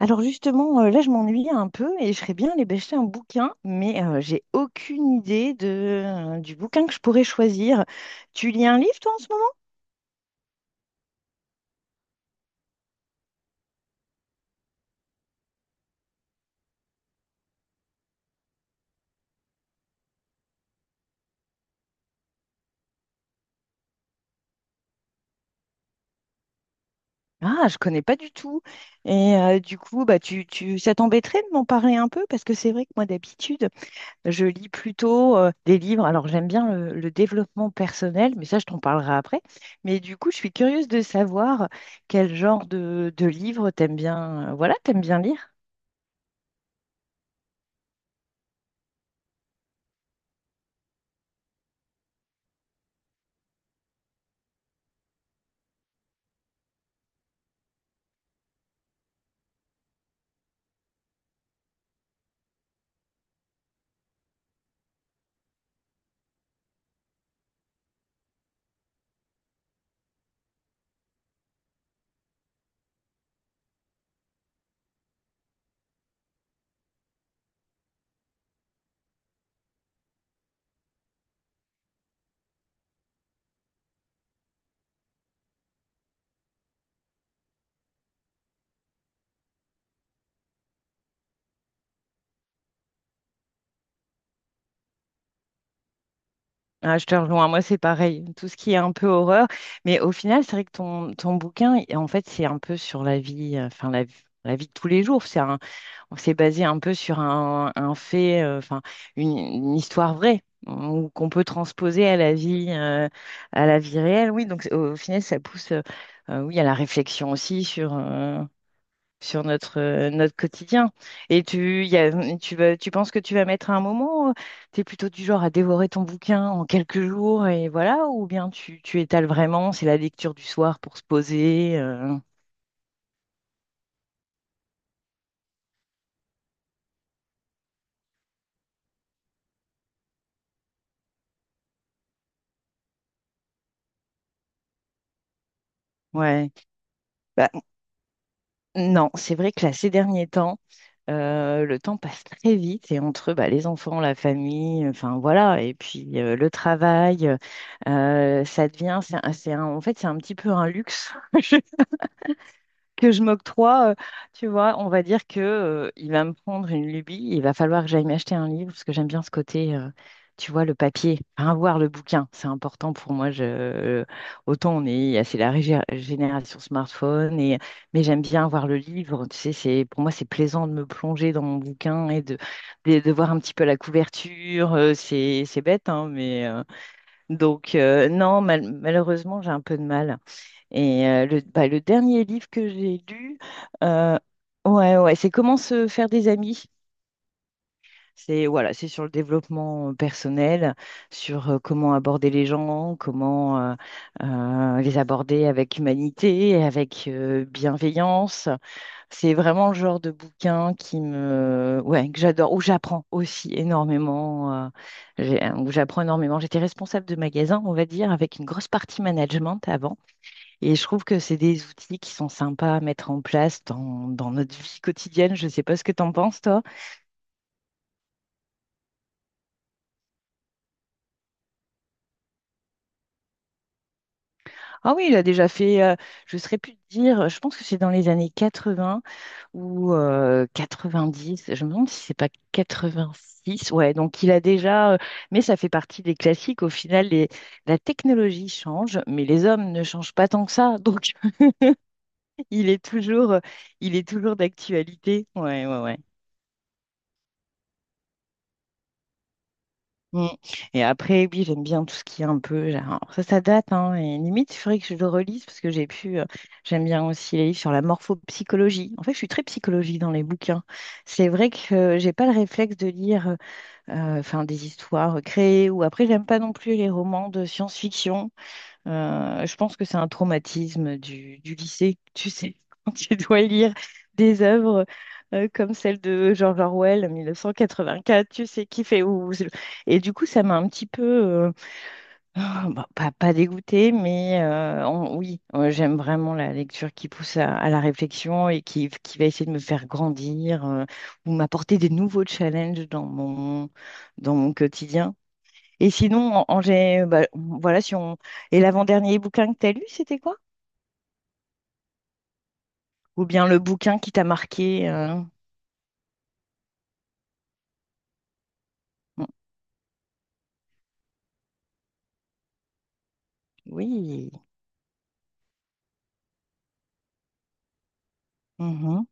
Alors justement, là, je m'ennuie un peu et je ferais bien aller bêcher un bouquin, mais j'ai aucune idée du bouquin que je pourrais choisir. Tu lis un livre, toi, en ce moment? Ah, je connais pas du tout. Et du coup, bah, ça t'embêterait de m'en parler un peu? Parce que c'est vrai que moi, d'habitude, je lis plutôt des livres. Alors, j'aime bien le développement personnel, mais ça, je t'en parlerai après. Mais du coup, je suis curieuse de savoir quel genre de livre t'aimes bien, voilà, t'aimes bien lire. Ah, je te rejoins, moi c'est pareil, tout ce qui est un peu horreur, mais au final c'est vrai que ton bouquin, en fait c'est un peu sur la vie, enfin la vie de tous les jours, on s'est basé un peu sur un fait, enfin une histoire vraie, ou qu'on peut transposer à la vie réelle, oui, donc au final ça pousse, oui, à la réflexion aussi sur notre quotidien. Et tu penses que tu vas mettre un moment, tu es plutôt du genre à dévorer ton bouquin en quelques jours et voilà, ou bien tu étales vraiment, c'est la lecture du soir pour se poser. Ouais. Bah, non, c'est vrai que là, ces derniers temps, le temps passe très vite et entre bah, les enfants, la famille, enfin voilà, et puis le travail, ça devient, c'est un- en fait, c'est un petit peu un luxe. Que je m'octroie, tu vois, on va dire que il va me prendre une lubie, il va falloir que j'aille m'acheter un livre parce que j'aime bien ce côté, tu vois, le papier, enfin, voir le bouquin, c'est important pour moi. Autant on est, c'est la génération smartphone mais j'aime bien voir le livre. Tu sais, c'est pour moi c'est plaisant de me plonger dans mon bouquin et de voir un petit peu la couverture. C'est bête, hein, mais donc non, malheureusement j'ai un peu de mal. Et bah, le dernier livre que j'ai lu, euh, ouais, ouais, c'est Comment se faire des amis. C'est voilà, c'est sur le développement personnel, sur comment aborder les gens, comment les aborder avec humanité, avec bienveillance. C'est vraiment le genre de bouquin qui ouais, que j'adore, où j'apprends aussi énormément, où j'apprends énormément. J'étais responsable de magasin, on va dire, avec une grosse partie management avant. Et je trouve que c'est des outils qui sont sympas à mettre en place dans notre vie quotidienne. Je ne sais pas ce que tu en penses, toi. Ah oui, il a déjà fait, je ne saurais plus te dire, je pense que c'est dans les années 80 ou 90. Je me demande si c'est pas 86. Ouais, donc il a déjà, mais ça fait partie des classiques. Au final, la technologie change, mais les hommes ne changent pas tant que ça. Donc il est toujours, euh, il est toujours d'actualité. Ouais, ouais, ouais. Mm. Et après, oui, j'aime bien tout ce qui est un peu. Ça date, hein, et limite, il faudrait que je le relise parce que j'ai pu. J'aime bien aussi les livres sur la morphopsychologie. En fait, je suis très psychologie dans les bouquins. C'est vrai que j'ai pas le réflexe de lire, enfin, des histoires créées, ou après, j'aime pas non plus les romans de science-fiction. Je pense que c'est un traumatisme du lycée, tu sais, quand tu dois lire des œuvres comme celle de George Orwell, 1984, tu sais, qui fait où. Et du coup, ça m'a un petit peu, ah, bah, pas dégoûtée, mais oui, j'aime vraiment la lecture qui pousse à la réflexion et qui va essayer de me faire grandir, ou m'apporter des nouveaux challenges dans mon quotidien. Et sinon, bah, voilà, si on. Et l'avant-dernier bouquin que tu as lu, c'était quoi? Ou bien le bouquin qui t'a marqué. Oui. Mhm.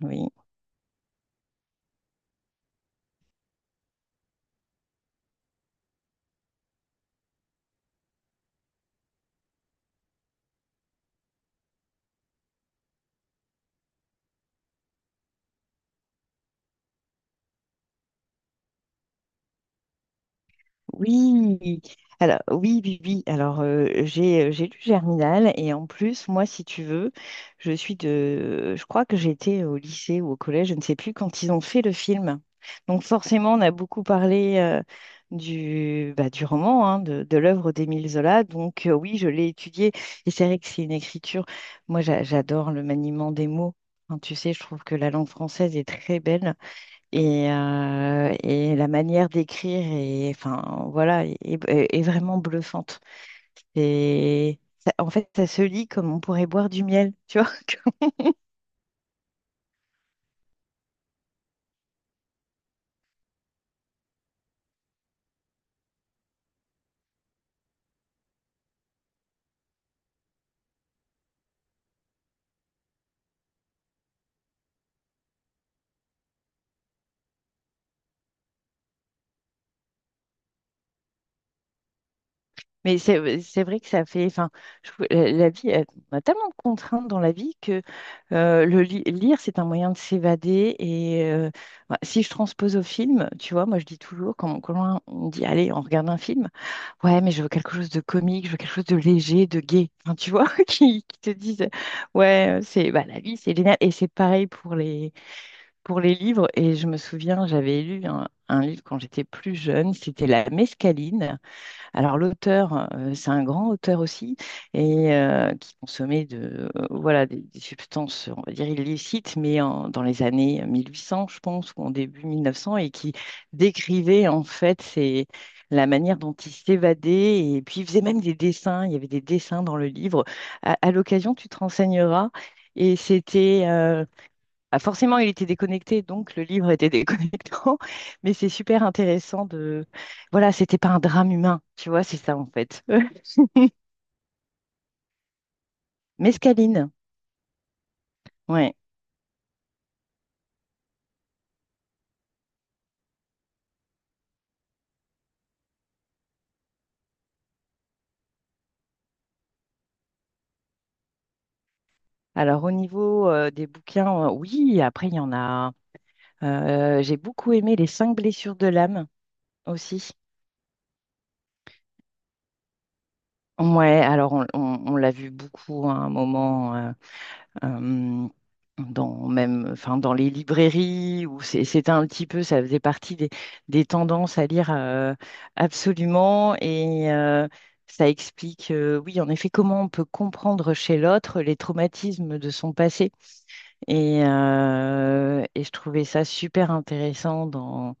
Oui. Oui, alors oui, oui, oui. Alors j'ai lu Germinal et en plus, moi, si tu veux, je crois que j'étais au lycée ou au collège, je ne sais plus quand ils ont fait le film. Donc forcément, on a beaucoup parlé du bah, du roman, hein, de l'œuvre d'Émile Zola. Donc oui, je l'ai étudié et c'est vrai que c'est une écriture. Moi, j'adore le maniement des mots. Hein, tu sais, je trouve que la langue française est très belle. Et la manière d'écrire est, enfin, voilà, est vraiment bluffante. Et en fait, ça se lit comme on pourrait boire du miel, tu vois. Mais c'est vrai que ça fait, enfin, la vie, on a tellement de contraintes dans la vie que lire, c'est un moyen de s'évader. Et bah, si je transpose au film, tu vois, moi je dis toujours, quand on me dit, allez, on regarde un film, ouais, mais je veux quelque chose de comique, je veux quelque chose de léger, de gai. Enfin, tu vois, qui te disent, ouais, c'est bah, la vie, c'est génial. Et c'est pareil pour les livres. Et je me souviens, j'avais lu un livre quand j'étais plus jeune, c'était La Mescaline. Alors l'auteur, c'est un grand auteur aussi, et qui consommait voilà, des substances, on va dire illicites, mais dans les années 1800, je pense, ou en début 1900, et qui décrivait en fait la manière dont il s'évadait, et puis il faisait même des dessins, il y avait des dessins dans le livre. À l'occasion, tu te renseigneras, et c'était. Ah, forcément, il était déconnecté, donc le livre était déconnectant. Mais c'est super intéressant de. Voilà, c'était pas un drame humain, tu vois, c'est ça en fait. Mescaline, ouais. Alors au niveau des bouquins, oui, après il y en a. J'ai beaucoup aimé Les cinq blessures de l'âme aussi. Ouais, alors on l'a vu beaucoup à un moment. Euh, dans même, enfin, dans les librairies, où c'était un petit peu, ça faisait partie des tendances à lire, absolument. Et ça explique, oui, en effet, comment on peut comprendre chez l'autre les traumatismes de son passé. Et je trouvais ça super intéressant dans,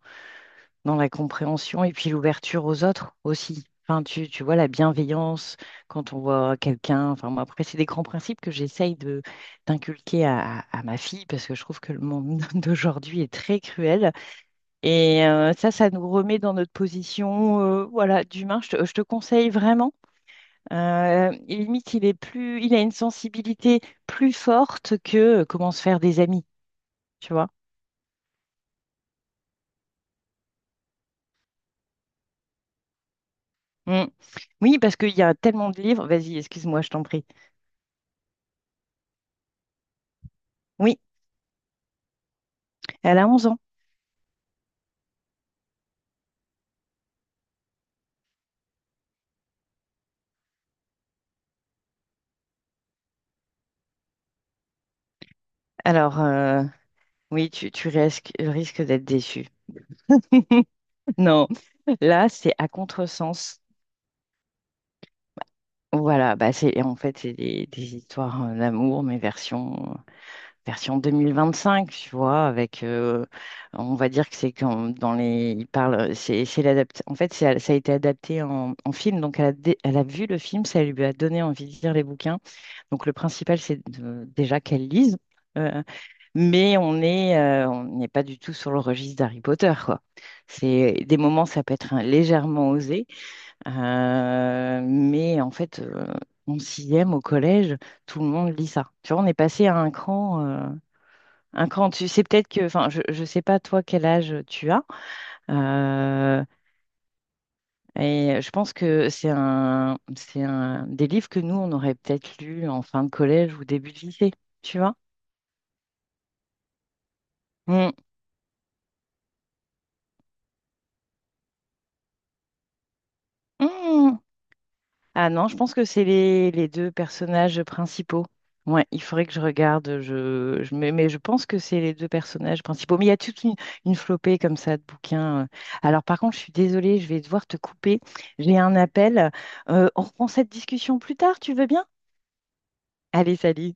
dans la compréhension et puis l'ouverture aux autres aussi. Enfin, tu vois, la bienveillance quand on voit quelqu'un. Enfin, moi, après, c'est des grands principes que j'essaye de d'inculquer à ma fille parce que je trouve que le monde d'aujourd'hui est très cruel. Et ça nous remet dans notre position, voilà, d'humain. Je te conseille vraiment. Et limite, il a une sensibilité plus forte que comment se faire des amis, tu vois. Mm. Oui, parce qu'il y a tellement de livres. Vas-y, excuse-moi, je t'en prie. Oui. Elle a 11 ans. Alors, oui, tu risques d'être déçu. Non, là, c'est à contresens. Voilà, bah c'est en fait c'est des histoires, d'amour, mais version 2025, tu vois, avec on va dire que c'est quand dans les il parle en fait ça a été adapté en film, donc elle a vu le film, ça lui a donné envie de lire les bouquins. Donc le principal c'est déjà qu'elle lise. Euh, Mais on n'est pas du tout sur le registre d'Harry Potter, quoi. C'est des moments, ça peut être légèrement osé, mais en fait, en sixième au collège, tout le monde lit ça. Tu vois, on est passé à un cran dessus. C'est peut-être que, enfin, je sais pas toi quel âge tu as, euh, et je pense que c'est un des livres que nous on aurait peut-être lu en fin de collège ou début de lycée, tu vois. Mm. Mm. Ah non, je pense que c'est les deux personnages principaux. Ouais, il faudrait que je regarde. Mais je pense que c'est les deux personnages principaux. Mais il y a toute une flopée comme ça de bouquins. Alors par contre, je suis désolée, je vais devoir te couper. J'ai un appel. On reprend cette discussion plus tard, tu veux bien? Allez, salut.